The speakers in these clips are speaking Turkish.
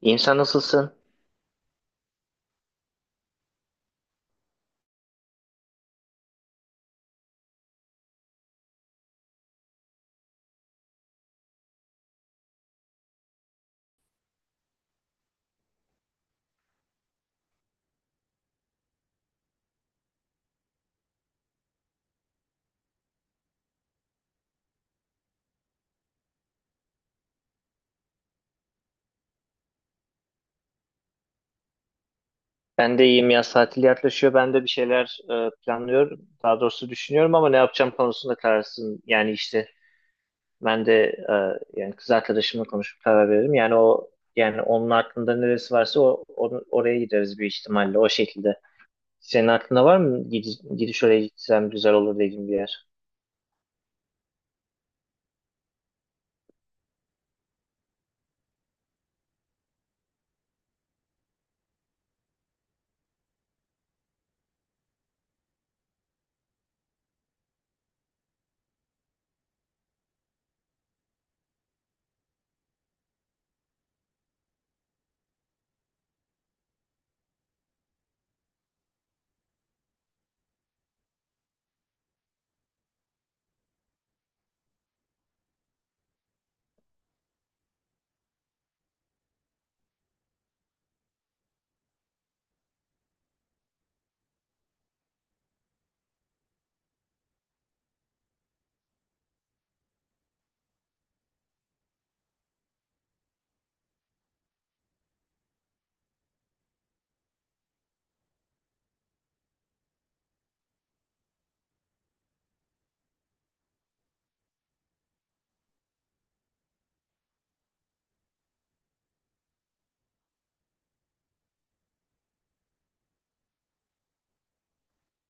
İyiyim, sen nasılsın? Ben de iyiyim, yaz tatili yaklaşıyor. Ben de bir şeyler planlıyorum. Daha doğrusu düşünüyorum ama ne yapacağım konusunda kararsızım. Ben de e, yani kız arkadaşımla konuşup karar veririm. Yani o yani onun aklında neresi varsa oraya gideriz bir ihtimalle, o şekilde. Senin aklında var mı gidiş, oraya gitsem güzel olur dediğin bir yer?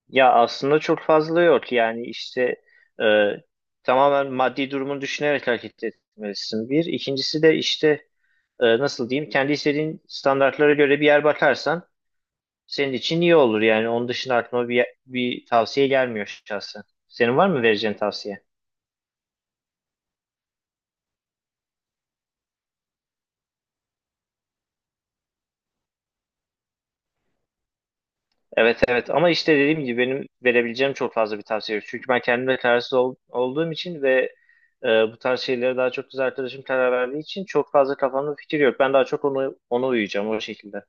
Ya, aslında çok fazla yok. E, Tamamen maddi durumu düşünerek hareket etmelisin. Bir. İkincisi de nasıl diyeyim, kendi istediğin standartlara göre bir yer bakarsan senin için iyi olur yani. Onun dışında aklıma bir tavsiye gelmiyor şahsen. Senin var mı vereceğin tavsiye? Evet, evet, ama işte dediğim gibi benim verebileceğim çok fazla bir tavsiye yok. Çünkü ben kendimle olduğum için ve bu tarz şeylere daha çok kız arkadaşım karar verdiği için çok fazla kafamda fikir yok. Ben daha çok onu, ona uyuyacağım, o şekilde.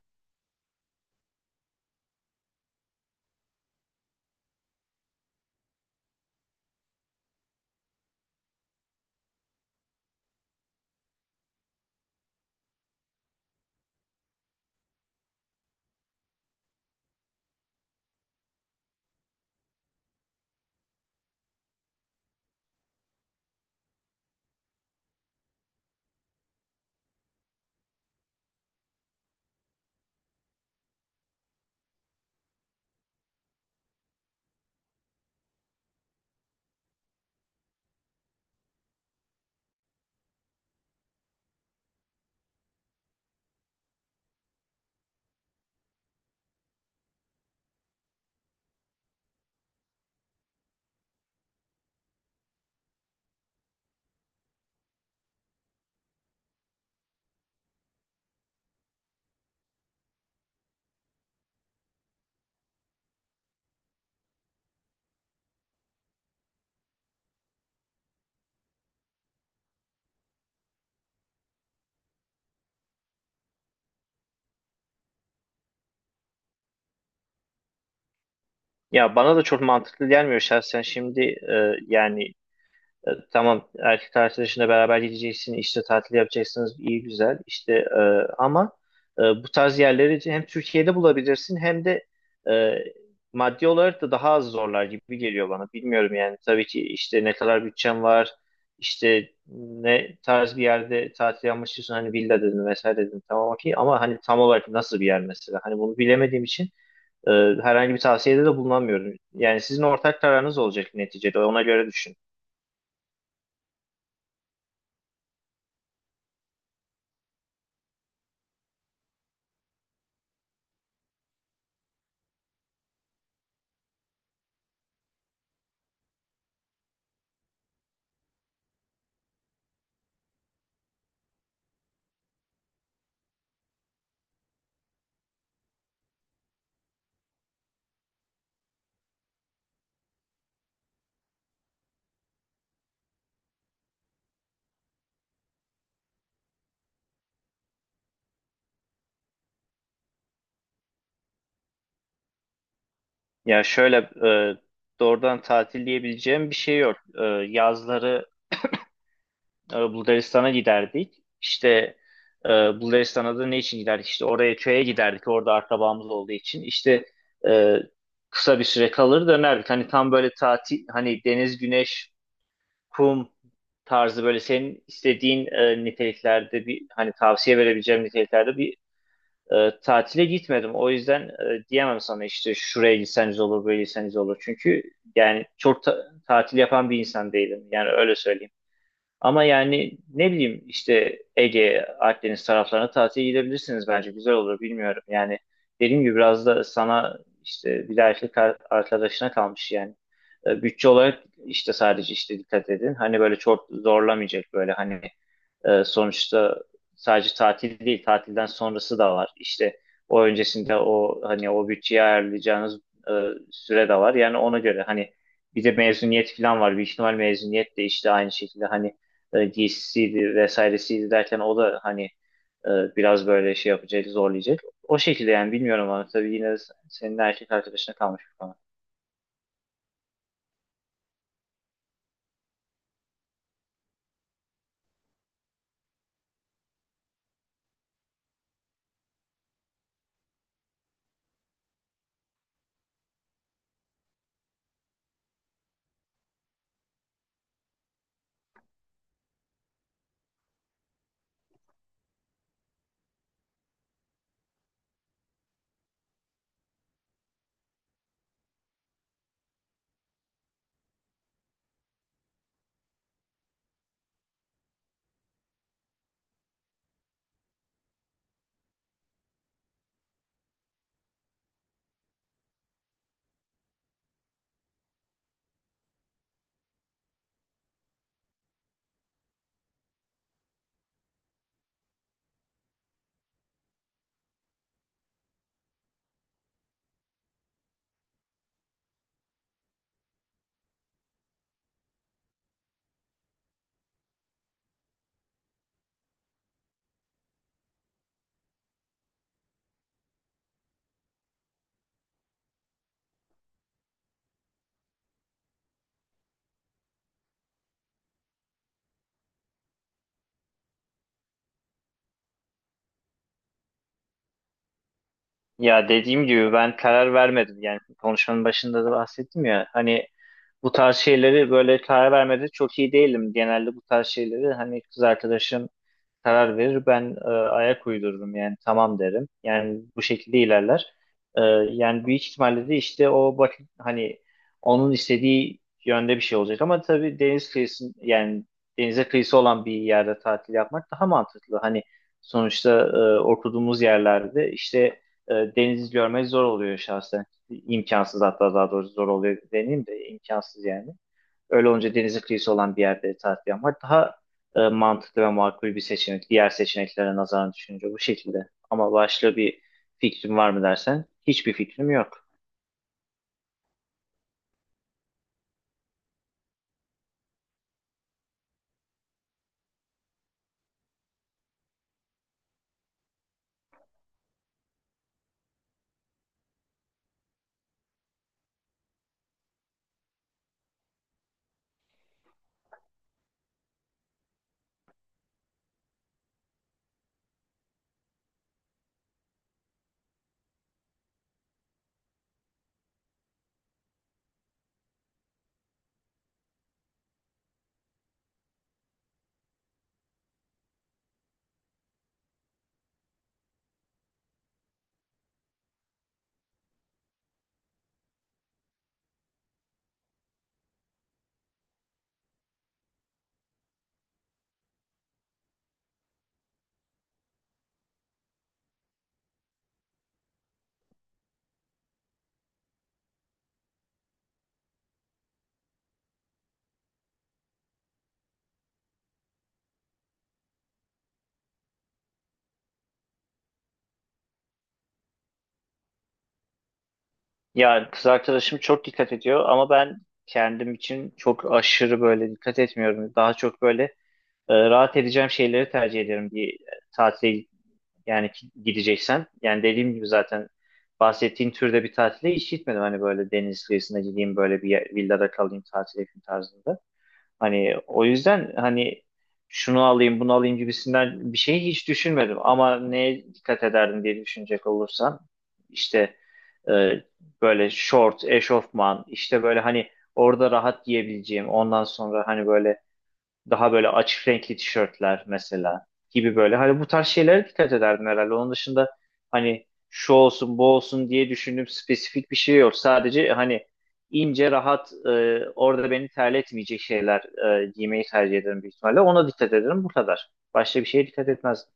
Ya, bana da çok mantıklı gelmiyor şahsen. Şimdi e, yani tamam, erkek arkadaşınla beraber gideceksin, işte tatil yapacaksınız, iyi güzel, ama bu tarz yerleri hem Türkiye'de bulabilirsin hem de e, maddi olarak da daha az zorlar gibi geliyor bana. Bilmiyorum yani, tabii ki işte ne kadar bütçen var, işte ne tarz bir yerde tatil yapmak, hani villa dedin vesaire dedin, tamam okey, ama hani tam olarak nasıl bir yer mesela, hani bunu bilemediğim için e, herhangi bir tavsiyede de bulunamıyorum. Yani sizin ortak kararınız olacak neticede, ona göre düşün. Ya şöyle e, Doğrudan tatil diyebileceğim bir şey yok. Yazları Bulgaristan'a giderdik. İşte Bulgaristan'a da ne için giderdik? İşte oraya, köye giderdik. Orada akrabamız olduğu için. E, Kısa bir süre kalır, dönerdik. Hani tam böyle tatil, hani deniz, güneş, kum tarzı, böyle senin istediğin niteliklerde, bir hani tavsiye verebileceğim niteliklerde bir tatile gitmedim. O yüzden diyemem sana işte şuraya gitseniz olur, böyle gitseniz olur. Çünkü yani tatil yapan bir insan değilim. Yani öyle söyleyeyim. Ama yani ne bileyim, işte Ege, Akdeniz taraflarına tatile gidebilirsiniz bence. Güzel olur, bilmiyorum. Yani dediğim gibi biraz da sana, işte bir de arkadaşına kalmış yani. Bütçe olarak işte, sadece işte dikkat edin. Hani böyle çok zorlamayacak, böyle hani, sonuçta sadece tatil değil, tatilden sonrası da var. İşte o öncesinde, o hani o bütçeyi ayarlayacağınız e, süre de var. Yani ona göre hani, bir de mezuniyet falan var. Büyük ihtimal mezuniyet de işte aynı şekilde, hani DC'di vesairesiydi derken, o da hani e, biraz böyle şey yapacak, zorlayacak. O şekilde yani, bilmiyorum, ama tabii yine de senin erkek arkadaşına kalmış bir konu. Ya, dediğim gibi ben karar vermedim. Yani konuşmanın başında da bahsettim ya. Hani bu tarz şeyleri, böyle karar vermede çok iyi değilim. Genelde bu tarz şeyleri hani kız arkadaşım karar verir. Ben ayak uydururum, yani tamam derim. Yani bu şekilde ilerler. E, Yani büyük ihtimalle de işte, o bak hani onun istediği yönde bir şey olacak. Ama tabii deniz kıyısı, yani denize kıyısı olan bir yerde tatil yapmak daha mantıklı. Hani sonuçta oturduğumuz yerlerde işte deniz görmek zor oluyor şahsen. İmkansız hatta, daha doğrusu zor oluyor, deneyim de imkansız yani. Öyle olunca denizi kıyısı olan bir yerde tatil yapmak daha mantıklı ve makul bir seçenek. Diğer seçeneklere nazaran düşününce, bu şekilde. Ama başka bir fikrim var mı dersen, hiçbir fikrim yok. Ya, kız arkadaşım çok dikkat ediyor ama ben kendim için çok aşırı böyle dikkat etmiyorum. Daha çok böyle rahat edeceğim şeyleri tercih ederim bir tatile yani, gideceksen. Yani dediğim gibi zaten bahsettiğin türde bir tatile hiç gitmedim. Hani böyle deniz kıyısına gideyim, villada kalayım, tatil yapayım tarzında. Hani o yüzden hani şunu alayım, bunu alayım gibisinden bir şeyi hiç düşünmedim. Ama neye dikkat ederdim diye düşünecek olursam, işte e, böyle şort, eşofman, işte böyle hani orada rahat giyebileceğim, ondan sonra hani böyle daha böyle açık renkli tişörtler mesela, gibi böyle. Hani bu tarz şeylere dikkat ederdim herhalde. Onun dışında hani şu olsun, bu olsun diye düşündüğüm spesifik bir şey yok. Sadece hani ince rahat, orada beni terletmeyecek şeyler giymeyi tercih ederim büyük ihtimalle. Ona dikkat ederim bu kadar. Başka bir şeye dikkat etmez.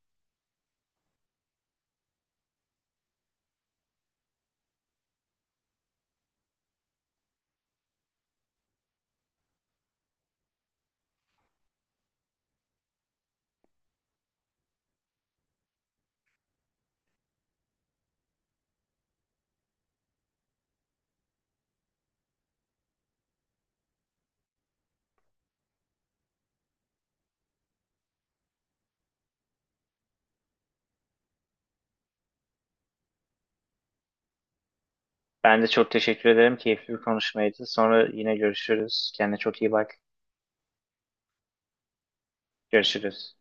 Ben de çok teşekkür ederim. Keyifli bir konuşmaydı. Sonra yine görüşürüz. Kendine çok iyi bak. Görüşürüz.